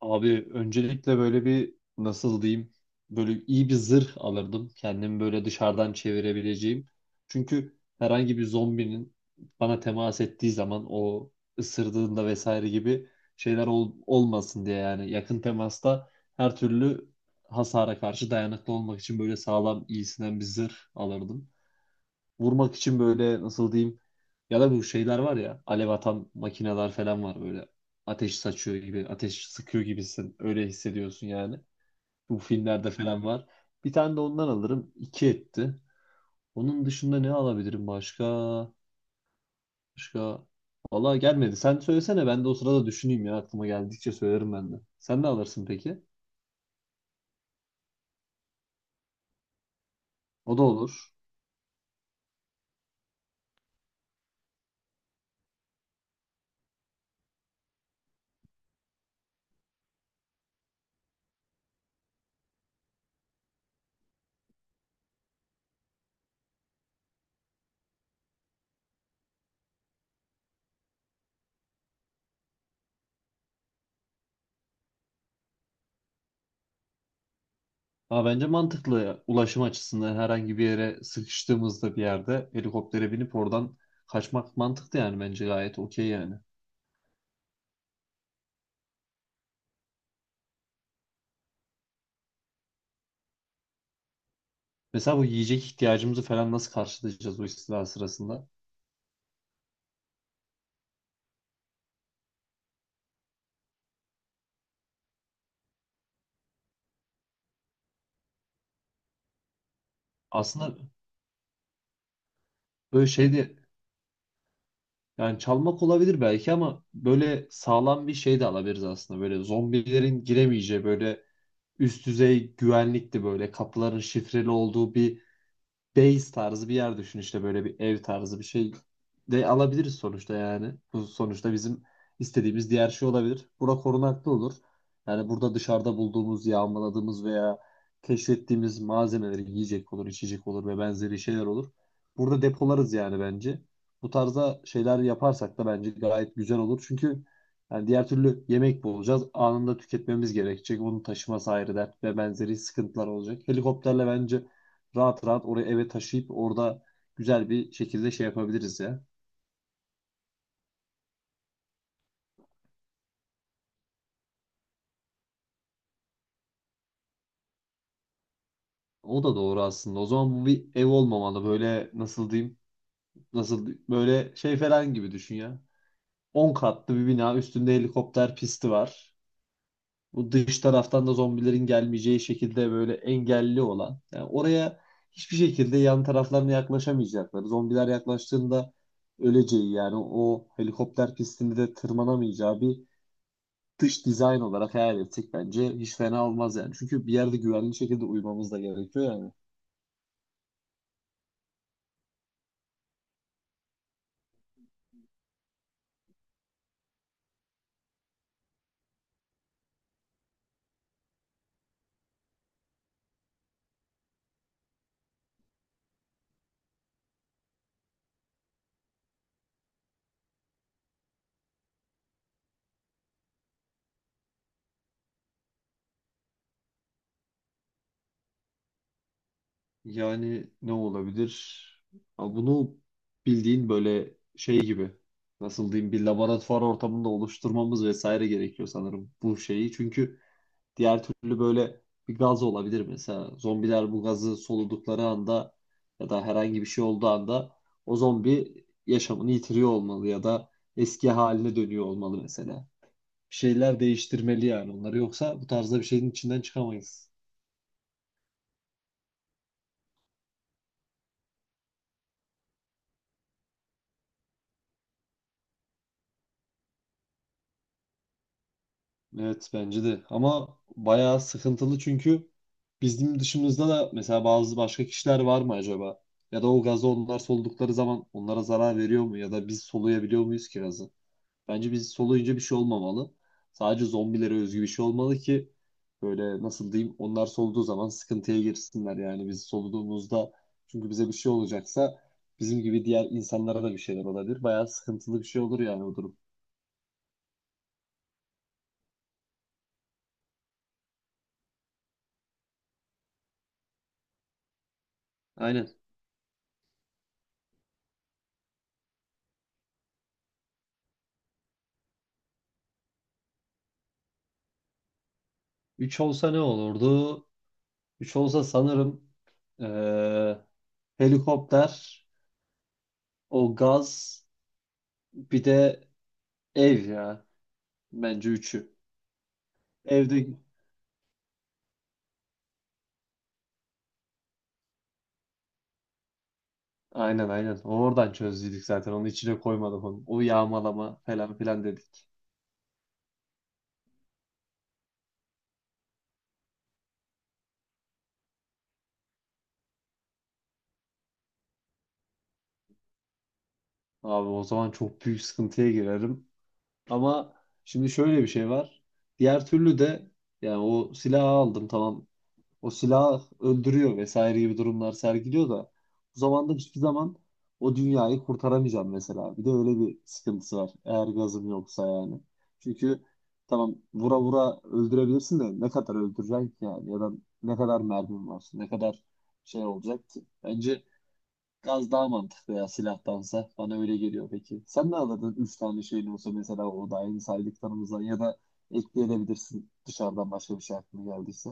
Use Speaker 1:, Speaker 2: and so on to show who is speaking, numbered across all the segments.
Speaker 1: Abi öncelikle böyle bir nasıl diyeyim böyle iyi bir zırh alırdım. Kendimi böyle dışarıdan çevirebileceğim. Çünkü herhangi bir zombinin bana temas ettiği zaman o ısırdığında vesaire gibi şeyler olmasın diye yani yakın temasta her türlü hasara karşı dayanıklı olmak için böyle sağlam iyisinden bir zırh alırdım vurmak için böyle nasıl diyeyim ya da bu şeyler var ya alev atan makineler falan var böyle ateş saçıyor gibi ateş sıkıyor gibisin öyle hissediyorsun yani. Bu filmlerde falan var. Bir tane de ondan alırım. İki etti. Onun dışında ne alabilirim başka? Başka vallahi gelmedi. Sen söylesene ben de o sırada düşüneyim ya aklıma geldikçe söylerim ben de. Sen ne alırsın peki? O da olur. Ama bence mantıklı ya. Ulaşım açısından herhangi bir yere sıkıştığımızda bir yerde helikoptere binip oradan kaçmak mantıklı yani bence gayet okey yani. Mesela bu yiyecek ihtiyacımızı falan nasıl karşılayacağız o istila sırasında? Aslında böyle şey de yani çalmak olabilir belki ama böyle sağlam bir şey de alabiliriz aslında. Böyle zombilerin giremeyeceği böyle üst düzey güvenlikli böyle kapıların şifreli olduğu bir base tarzı bir yer düşün işte böyle bir ev tarzı bir şey de alabiliriz sonuçta yani. Bu sonuçta bizim istediğimiz diğer şey olabilir. Bura korunaklı olur. Yani burada dışarıda bulduğumuz, yağmaladığımız veya keşfettiğimiz malzemeleri yiyecek olur, içecek olur ve benzeri şeyler olur. Burada depolarız yani bence. Bu tarzda şeyler yaparsak da bence gayet güzel olur. Çünkü yani diğer türlü yemek bulacağız. Anında tüketmemiz gerekecek. Onu taşıması ayrı dert ve benzeri sıkıntılar olacak. Helikopterle bence rahat rahat oraya eve taşıyıp orada güzel bir şekilde şey yapabiliriz ya. O da doğru aslında. O zaman bu bir ev olmamalı. Böyle nasıl diyeyim? Nasıl böyle şey falan gibi düşün ya. 10 katlı bir bina üstünde helikopter pisti var. Bu dış taraftan da zombilerin gelmeyeceği şekilde böyle engelli olan. Yani oraya hiçbir şekilde yan taraflarına yaklaşamayacakları. Zombiler yaklaştığında öleceği yani o helikopter pistinde de tırmanamayacağı bir dış dizayn olarak hayal etsek bence hiç fena olmaz yani. Çünkü bir yerde güvenli şekilde uyumamız da gerekiyor yani. Yani ne olabilir? Ama bunu bildiğin böyle şey gibi nasıl diyeyim bir laboratuvar ortamında oluşturmamız vesaire gerekiyor sanırım bu şeyi. Çünkü diğer türlü böyle bir gaz olabilir mesela. Zombiler bu gazı soludukları anda ya da herhangi bir şey olduğu anda o zombi yaşamını yitiriyor olmalı ya da eski haline dönüyor olmalı mesela. Şeyler değiştirmeli yani onları. Yoksa bu tarzda bir şeyin içinden çıkamayız. Evet bence de. Ama bayağı sıkıntılı çünkü bizim dışımızda da mesela bazı başka kişiler var mı acaba? Ya da o gazı onlar soldukları zaman onlara zarar veriyor mu? Ya da biz soluyabiliyor muyuz ki gazı? Bence biz soluyunca bir şey olmamalı. Sadece zombilere özgü bir şey olmalı ki böyle nasıl diyeyim onlar soluduğu zaman sıkıntıya girsinler yani biz soluduğumuzda çünkü bize bir şey olacaksa bizim gibi diğer insanlara da bir şeyler olabilir. Bayağı sıkıntılı bir şey olur yani o durum. Aynen. Üç olsa ne olurdu? 3 olsa sanırım eee, helikopter, o gaz bir de ev ya. Bence üçü. Evde aynen, aynen. Oradan çözdük zaten. Onu içine koymadım onu. O yağmalama falan filan dedik. Abi o zaman çok büyük sıkıntıya girerim. Ama şimdi şöyle bir şey var. Diğer türlü de yani o silahı aldım tamam o silah öldürüyor vesaire gibi durumlar sergiliyor da bu zamanda hiçbir zaman o dünyayı kurtaramayacağım mesela. Bir de öyle bir sıkıntısı var. Eğer gazım yoksa yani. Çünkü tamam vura vura öldürebilirsin de ne kadar öldüreceksin ki yani ya da ne kadar mermin var, ne kadar şey olacak ki. Bence gaz daha mantıklı ya silahtansa. Bana öyle geliyor peki. Sen ne alırdın 3 tane şeyin olsa mesela o da aynı saydıklarımızdan ya da ekleyebilirsin dışarıdan başka bir şey aklına geldiyse.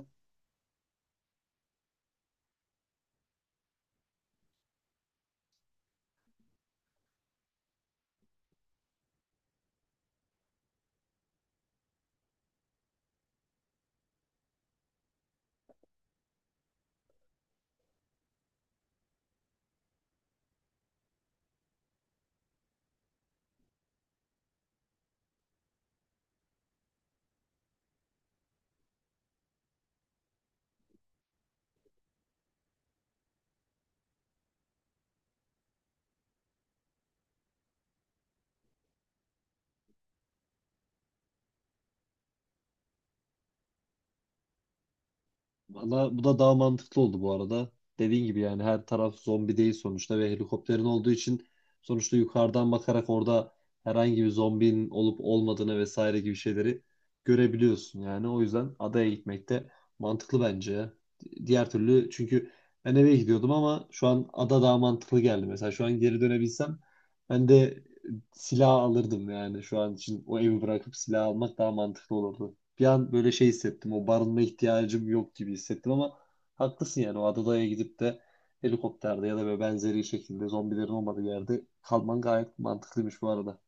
Speaker 1: Valla bu da daha mantıklı oldu bu arada. Dediğin gibi yani her taraf zombi değil sonuçta ve helikopterin olduğu için sonuçta yukarıdan bakarak orada herhangi bir zombinin olup olmadığını vesaire gibi şeyleri görebiliyorsun yani. O yüzden adaya gitmek de mantıklı bence, ya. Diğer türlü çünkü ben eve gidiyordum ama şu an ada daha mantıklı geldi. Mesela şu an geri dönebilsem ben de silah alırdım yani şu an için o evi bırakıp silah almak daha mantıklı olurdu. Bir an böyle şey hissettim. O barınma ihtiyacım yok gibi hissettim ama haklısın yani. O adadaya gidip de helikopterde ya da böyle benzeri şekilde zombilerin olmadığı yerde kalman gayet mantıklıymış bu arada.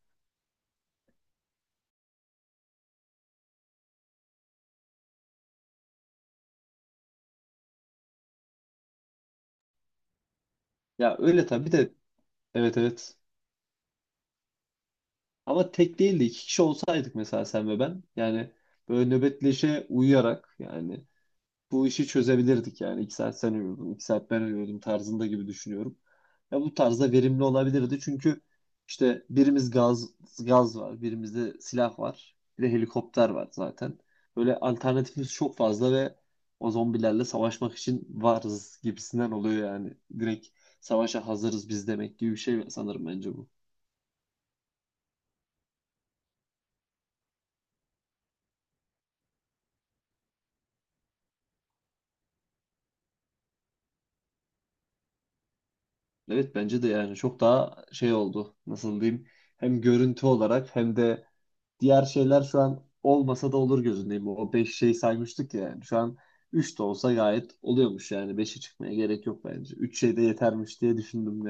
Speaker 1: Ya öyle tabii de, evet, evet. Ama tek değil de iki kişi olsaydık mesela sen ve ben. Yani böyle nöbetleşe uyuyarak yani bu işi çözebilirdik yani. İki saat sen uyuyordun, iki saat ben uyuyordum tarzında gibi düşünüyorum. Ya bu tarzda verimli olabilirdi çünkü işte birimiz gaz var, birimizde silah var, bir de helikopter var zaten. Böyle alternatifimiz çok fazla ve o zombilerle savaşmak için varız gibisinden oluyor yani. Direkt savaşa hazırız biz demek gibi bir şey sanırım bence bu. Evet bence de yani çok daha şey oldu. Nasıl diyeyim? Hem görüntü olarak hem de diğer şeyler şu an olmasa da olur gözündeyim. O 5 şey saymıştık ya. Yani. Şu an 3 de olsa gayet oluyormuş yani. 5'e çıkmaya gerek yok bence. Üç şey de yetermiş diye düşündüm.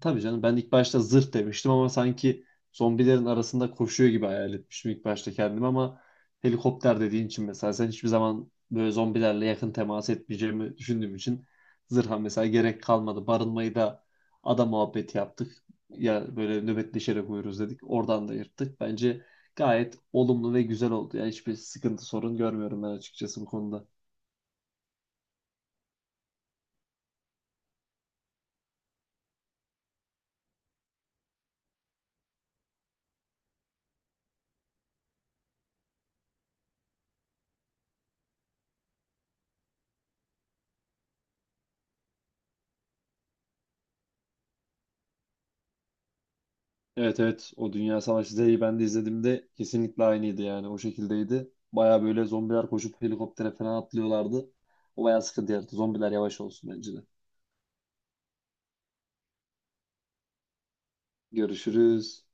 Speaker 1: Tabii canım ben ilk başta zırh demiştim ama sanki zombilerin arasında koşuyor gibi hayal etmiştim ilk başta kendimi ama helikopter dediğin için mesela sen hiçbir zaman böyle zombilerle yakın temas etmeyeceğimi düşündüğüm için zırha mesela gerek kalmadı. Barınmayı da ada muhabbeti yaptık. Ya böyle nöbetleşerek uyuruz dedik. Oradan da yırttık. Bence gayet olumlu ve güzel oldu. Yani hiçbir sıkıntı sorun görmüyorum ben açıkçası bu konuda. Evet, evet, o Dünya Savaşı Z'yi ben de izlediğimde kesinlikle aynıydı yani o şekildeydi. Baya böyle zombiler koşup helikoptere falan atlıyorlardı. O baya sıkıntı yarattı. Zombiler yavaş olsun bence de. Görüşürüz.